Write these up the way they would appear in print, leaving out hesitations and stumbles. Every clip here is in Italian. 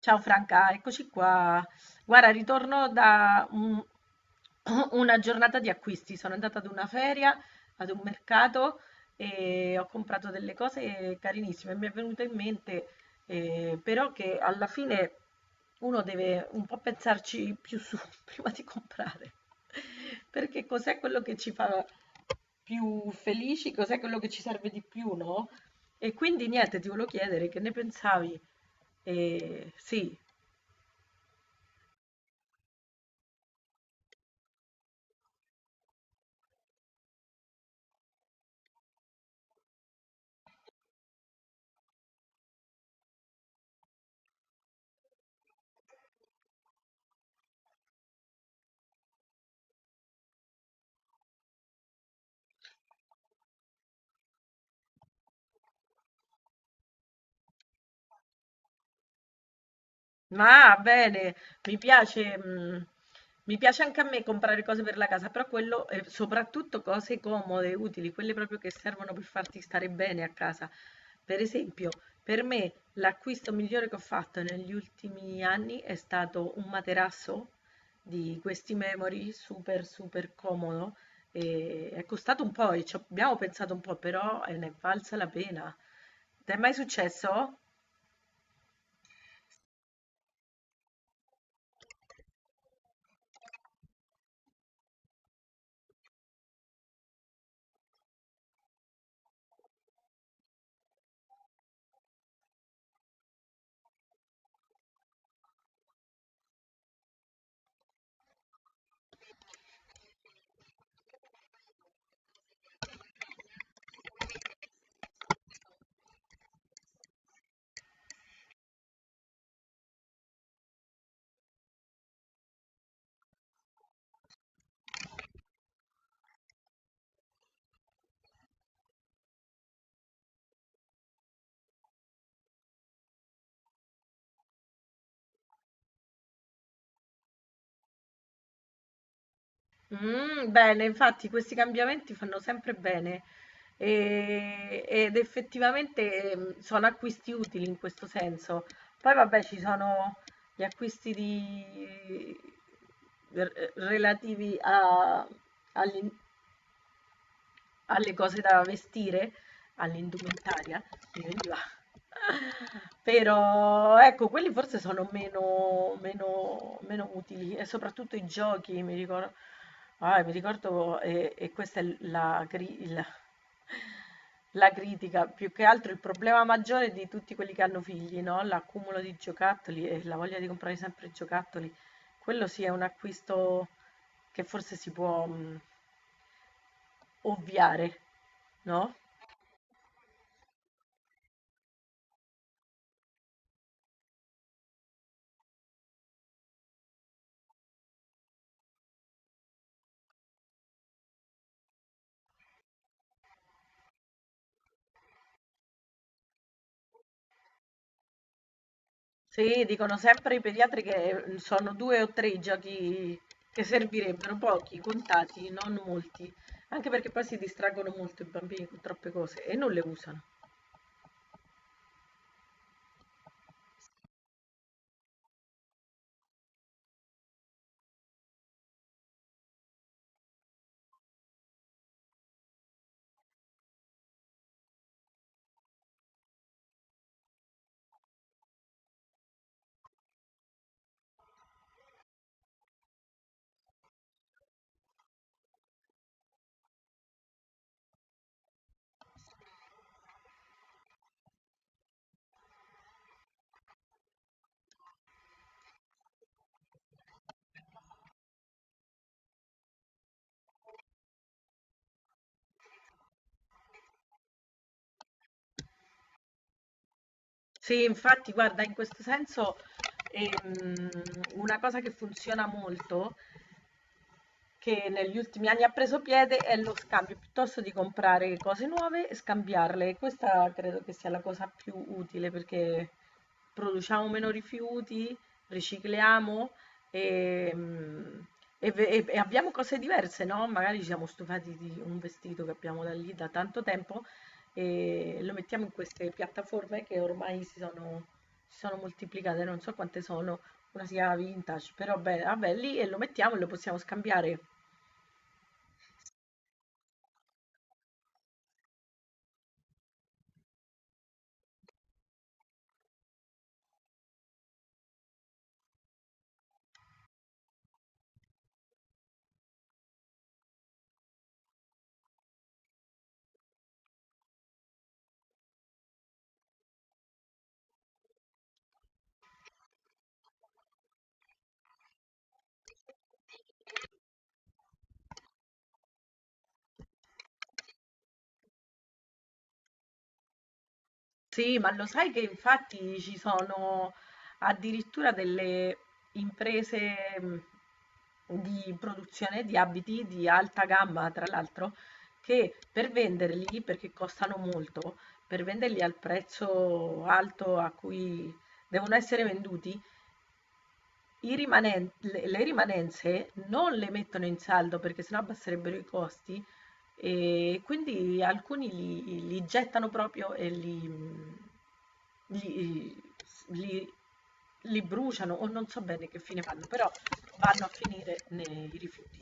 Ciao Franca, eccoci qua. Guarda, ritorno da una giornata di acquisti. Sono andata ad una feria, ad un mercato e ho comprato delle cose carinissime. Mi è venuto in mente però che alla fine uno deve un po' pensarci più su prima di comprare. Perché cos'è quello che ci fa più felici? Cos'è quello che ci serve di più, no? E quindi niente, ti volevo chiedere che ne pensavi, sì, ma bene, mi piace, mh, mi piace anche a me comprare cose per la casa, però quello, e soprattutto cose comode, utili, quelle proprio che servono per farti stare bene a casa. Per esempio, per me l'acquisto migliore che ho fatto negli ultimi anni è stato un materasso di questi Memory, super super comodo, e è costato un po', e ci abbiamo pensato un po', però ne è valsa la pena. Ti è mai successo? Mm, bene, infatti questi cambiamenti fanno sempre bene ed effettivamente mm, sono acquisti utili in questo senso. Poi vabbè, ci sono gli relativi agli, alle cose da vestire, all'indumentaria, mi veniva. Però ecco, quelli forse sono meno, meno, meno utili e soprattutto i giochi, mi ricordo, ah, mi ricordo e questa è la critica, più che altro il problema maggiore di tutti quelli che hanno figli, no? L'accumulo di giocattoli e la voglia di comprare sempre giocattoli. Quello sì è un acquisto che forse si può ovviare, no? Sì, dicono sempre i pediatri che mm, sono due o tre i giochi che servirebbero, pochi, contati, non molti, anche perché poi si distraggono molto i bambini con troppe cose e non le usano. Sì, infatti, guarda, in questo senso ehm, una cosa che funziona molto che negli ultimi anni ha preso piede è lo scambio, piuttosto di comprare cose nuove, scambiarle. Questa credo che sia la cosa più utile perché produciamo meno rifiuti, ricicliamo e, mm, e e abbiamo cose diverse, no? Magari ci siamo stufati di un vestito che abbiamo da lì da tanto tempo e lo mettiamo in queste piattaforme che ormai si sono moltiplicate, non so quante sono, una sia vintage, però beh, vabbè, lì e lo mettiamo e lo possiamo scambiare. Sì, ma lo sai che infatti ci sono addirittura delle imprese di produzione di abiti di alta gamma, tra l'altro, che per venderli, perché costano molto, per venderli al prezzo alto a cui devono essere venduti, i le rimanenze non le mettono in saldo perché sennò abbasserebbero i costi e quindi alcuni li, li gettano proprio e li, mm, li- li- li bruciano o non so bene che fine fanno, però vanno a finire nei rifiuti.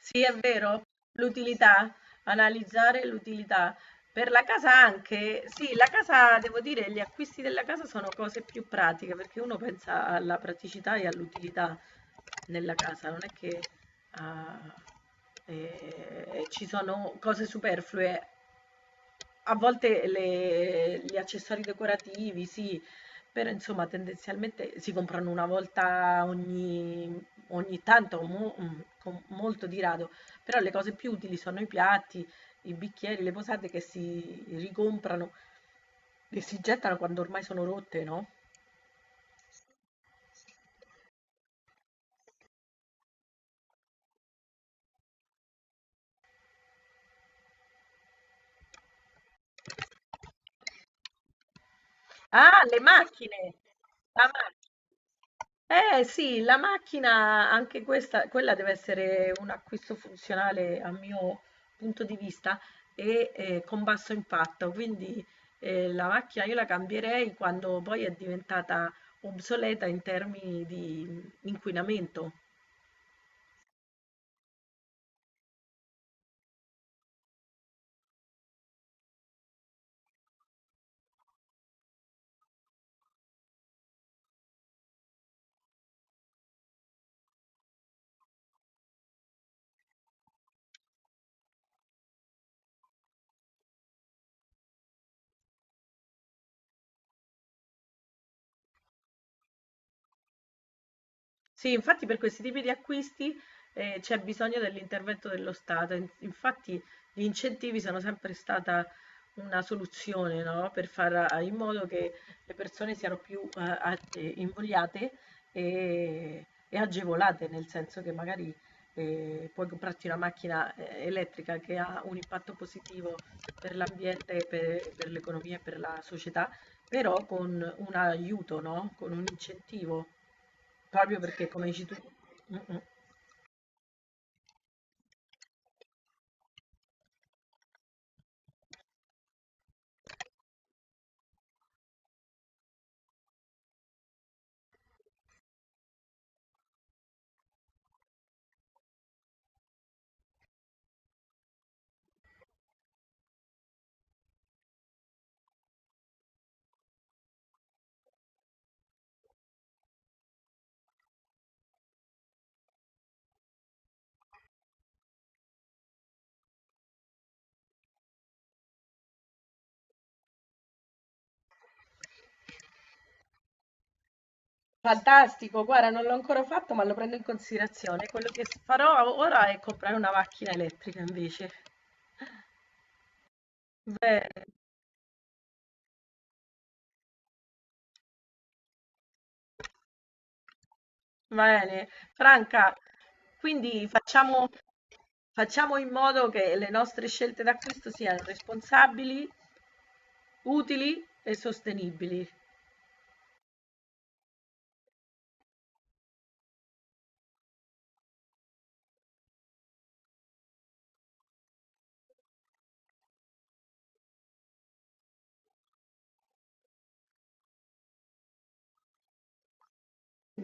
Sì, è vero, l'utilità, analizzare l'utilità. Per la casa anche, sì, la casa, devo dire, gli acquisti della casa sono cose più pratiche, perché uno pensa alla praticità e all'utilità nella casa, non è che ah, ci sono cose superflue. A volte gli accessori decorativi, sì, però insomma tendenzialmente si comprano ogni tanto, mm, con molto di rado, però le cose più utili sono i piatti, i bicchieri, le posate che si ricomprano e si gettano quando ormai sono rotte, no? Ah, le macchine! La macchina! Eh sì, la macchina, anche questa, quella deve essere un acquisto funzionale a mio punto di vista e con basso impatto, quindi la macchina io la cambierei quando poi è diventata obsoleta in termini di inquinamento. Sì, infatti per questi tipi di acquisti c'è bisogno dell'intervento dello Stato. Infatti gli incentivi sono sempre stata una soluzione, no? Per fare in modo che le persone siano più invogliate e agevolate, nel senso che magari puoi comprarti una macchina elettrica che ha un impatto positivo per l'ambiente, per l'economia e per la società, però con un aiuto, no? Con un incentivo. Proprio perché, come dici tu, mh-mh. Fantastico, guarda non l'ho ancora fatto, ma lo prendo in considerazione. Quello che s farò ora è comprare una macchina elettrica invece. Bene, bene. Franca, quindi facciamo in modo che le nostre scelte d'acquisto siano responsabili, utili e sostenibili.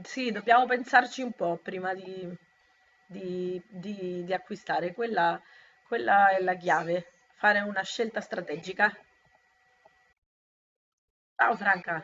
Sì, dobbiamo pensarci un po' prima di acquistare. Quella è la chiave, fare una scelta strategica. Ciao Franca.